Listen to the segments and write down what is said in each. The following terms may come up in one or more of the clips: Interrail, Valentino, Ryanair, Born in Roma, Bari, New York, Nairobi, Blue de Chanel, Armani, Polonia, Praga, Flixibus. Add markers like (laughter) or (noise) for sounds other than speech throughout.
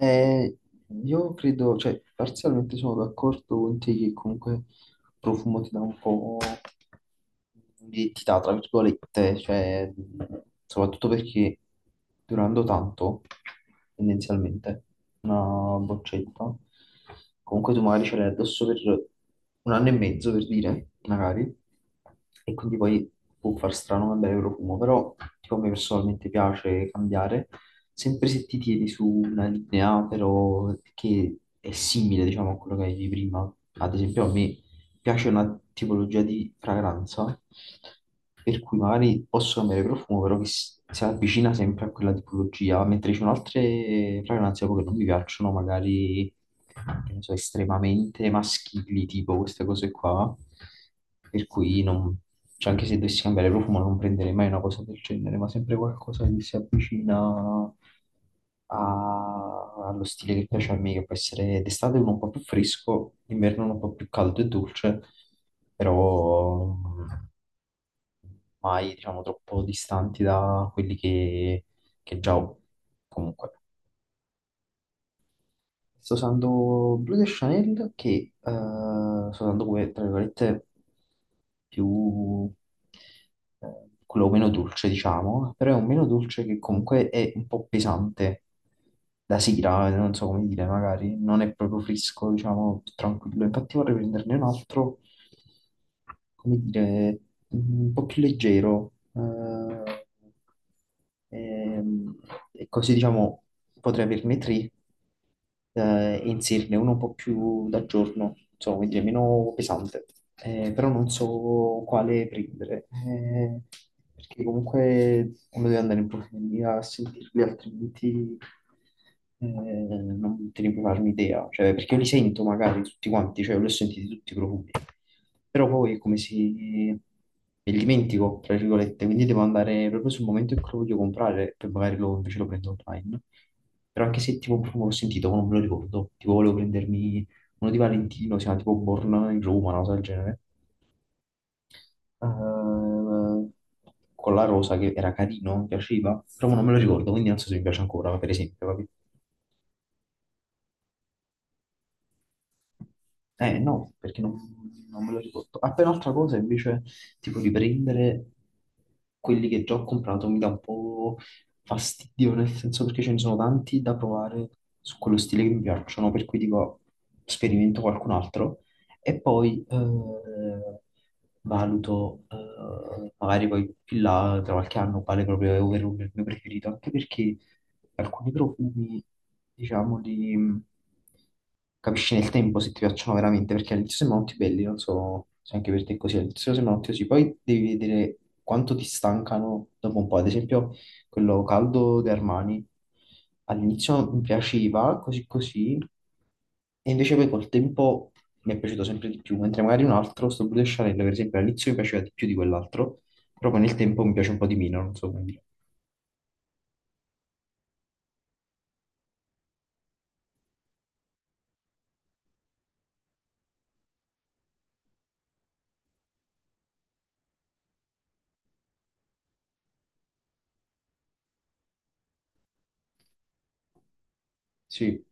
Eh, io credo, cioè, parzialmente sono d'accordo con te che comunque profumo ti dà un po' l'identità, tra virgolette, cioè, soprattutto perché durando tanto, tendenzialmente, una boccetta, comunque tu magari ce l'hai addosso per un anno e mezzo, per dire, magari, e quindi poi può far strano cambiare il profumo, però tipo, a me personalmente piace cambiare, sempre se ti tieni su una linea, però che è simile, diciamo, a quello che avevi prima. Ad esempio, a me piace una tipologia di fragranza, per cui magari posso cambiare profumo, però che si avvicina sempre a quella tipologia, mentre ci sono altre fragranze proprio che non mi piacciono, magari che ne so, estremamente maschili, tipo queste cose qua, per cui non... cioè, anche se dovessi cambiare profumo non prenderei mai una cosa del genere, ma sempre qualcosa che si avvicina allo stile che piace a me, che può essere d'estate uno un po' più fresco, d'inverno uno un po' più caldo e dolce, però mai, diciamo, troppo distanti da quelli che già ho comunque. Sto usando Blue de Chanel che sto usando come, tra virgolette, più, quello meno dolce, diciamo, però è un meno dolce che comunque è un po' pesante da sera, non so come dire, magari non è proprio fresco, diciamo, tranquillo. Infatti vorrei prenderne un altro, come dire, un po' più leggero. Ehm, E così diciamo potrei averne tre e inserirne uno un po' più da giorno, insomma, quindi è meno pesante. Però non so quale prendere, perché comunque uno deve andare in profondità a sentirli, altrimenti non te ne puoi farmi idea, cioè, perché io li sento magari tutti quanti, cioè, li ho sentiti tutti i profumi, però poi è come se me li dimentico, tra virgolette, quindi devo andare proprio sul momento in cui lo voglio comprare, poi magari lo, invece lo prendo online, però anche se tipo un profumo l'ho sentito, ma non me lo ricordo, tipo volevo prendermi uno di Valentino, si chiama tipo Born in Roma, una cosa del genere, Eh, con la rosa che era carino, mi piaceva, però non me lo ricordo, quindi non so se mi piace ancora, per esempio, capito? Eh no, perché non me lo ricordo. Appena un'altra cosa invece, tipo riprendere quelli che già ho comprato mi dà un po' fastidio, nel senso perché ce ne sono tanti da provare su quello stile che mi piacciono, per cui dico sperimento qualcun altro e poi valuto, magari poi più là tra qualche anno quale proprio è ovvero il mio preferito, anche perché alcuni profumi, diciamo, di... capisci nel tempo se ti piacciono veramente, perché all'inizio sembrano tutti belli, non so se anche per te è così, all'inizio sembrano tutti così, poi devi vedere quanto ti stancano dopo un po', ad esempio quello caldo di Armani, all'inizio mi piaceva, così così, e invece poi col tempo mi è piaciuto sempre di più, mentre magari un altro, sto Blue de Chanel, per esempio, all'inizio mi piaceva di più di quell'altro, però poi nel tempo mi piace un po' di meno, non so come dire. Sì,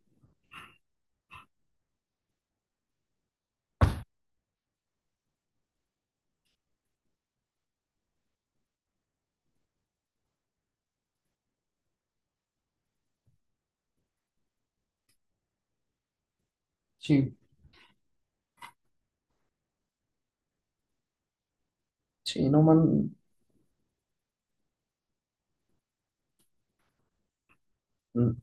sì. Sì, no, ma... mm, mm,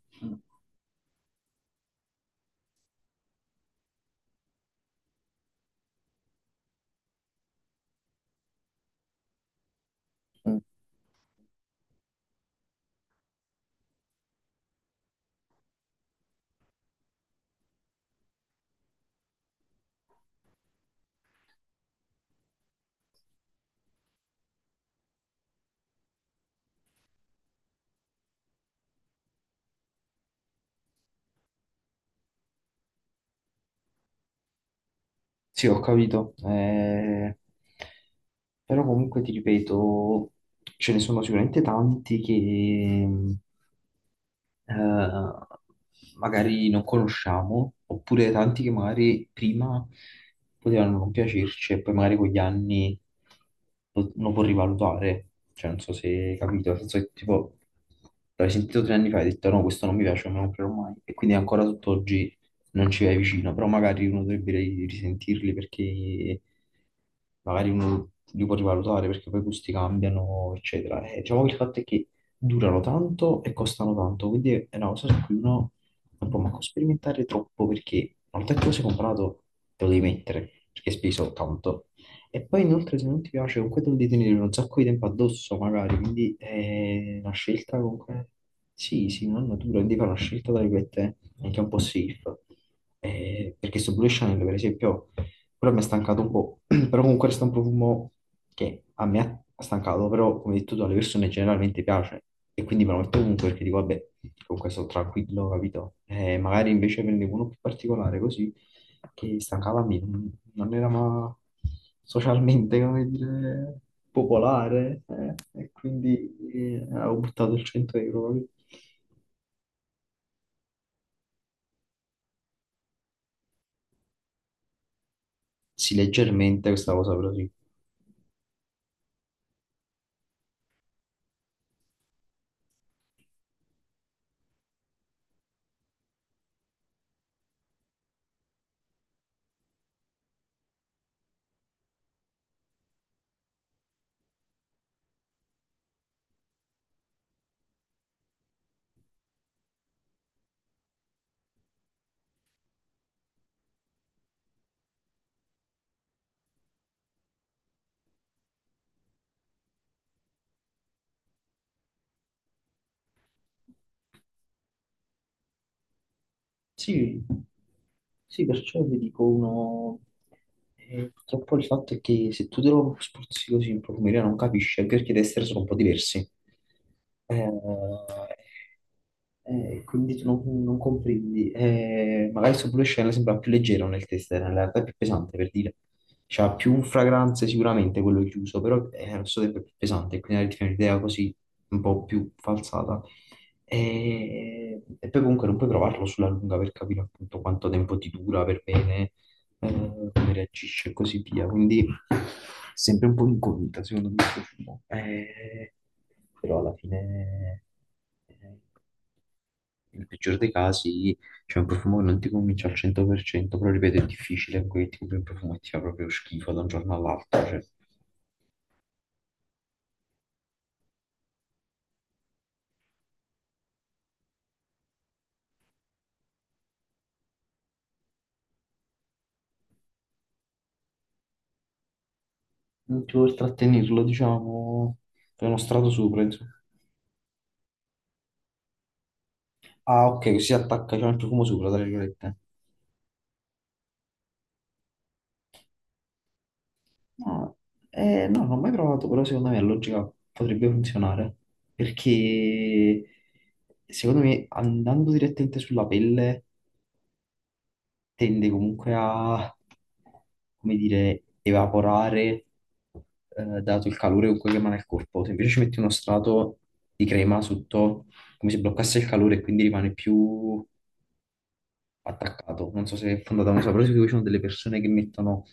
mm. Sì, ho capito. Però comunque ti ripeto, ce ne sono sicuramente tanti che, eh, magari non conosciamo, oppure tanti che magari prima potevano non piacerci e poi magari con gli anni lo può rivalutare. Cioè, non so se hai capito, nel senso che tipo l'hai sentito 3 anni fa e hai detto no, questo non mi piace, non me lo comprerò mai. E quindi ancora tutt'oggi non ci vai vicino, però magari uno dovrebbe risentirli perché magari uno li può rivalutare perché poi i gusti cambiano, eccetera. E diciamo che il fatto è che durano tanto e costano tanto, quindi è una cosa su cui uno non può manco sperimentare troppo perché una volta che lo sei comprato te lo devi mettere perché hai speso tanto. E poi inoltre se non ti piace comunque te lo devi tenere un sacco di tempo addosso magari, quindi è una scelta comunque, sì, sì, non natura, quindi fare una scelta tra virgolette anche un po' safe. Perché su Blue Channel per esempio quello mi ha stancato un po', (clears throat) però comunque resta un profumo che a me ha stancato, però come hai detto tu alle persone generalmente piace e quindi me lo metto comunque perché dico vabbè, comunque sono tranquillo, capito? Magari invece prendevo uno più particolare così che stancava me, non era ma socialmente, come dire, popolare e quindi avevo buttato il 100 euro, capito? Sì, leggermente questa cosa però sì. Sì, sì, perciò vi dico uno. Purtroppo il fatto è che se tu te lo spruzzi così in profumeria non capisci, anche perché i tester sono un po' diversi. Eh, quindi tu non comprendi. Magari sto pure scena sembra più leggero nel tester, in realtà è più pesante per dire. C'ha più fragranze sicuramente quello chiuso, però è allo stesso tempo è più pesante, quindi ti fai un'idea così un po' più falsata. E poi comunque non puoi provarlo sulla lunga per capire appunto quanto tempo ti dura per bene, come reagisce e così via. Quindi è sempre un po' incognita, secondo me, questo film. Però alla fine, eh, nel peggior dei casi, c'è un profumo che non ti convince al 100%, però ripeto, è difficile, quel tipo di profumo e ti fa proprio schifo da un giorno all'altro, cioè non ti vuoi trattenerlo, diciamo, è uno strato sopra, insomma. Ah, ok, così si attacca cioè, il profumo sopra, tra virgolette. No, no, non l'ho mai provato, però secondo me la logica potrebbe funzionare. Perché secondo me andando direttamente sulla pelle tende comunque a, come dire, evaporare, dato il calore con cui rimane il corpo. Se invece ci metti uno strato di crema sotto, come se bloccasse il calore e quindi rimane più attaccato. Non so se è fondata una cosa, però sì, ci sono delle persone che mettono,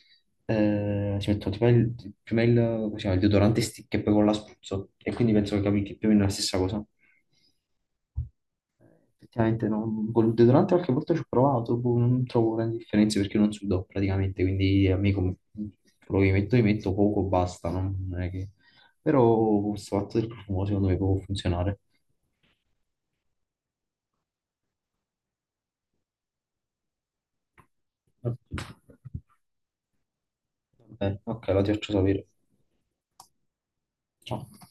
si mettono prima il, come si chiama, il deodorante stick e poi con la spruzzo. E quindi penso che capi che più o meno è la stessa cosa. Effettivamente no, con il deodorante qualche volta ci ho provato, boh, non trovo grandi differenze perché non sudo praticamente, quindi a me come, quello che metto, mi metto poco, basta, non è che... Però questo fatto del profumo secondo me può funzionare. Vabbè, ok, la ti faccio sapere. Ciao.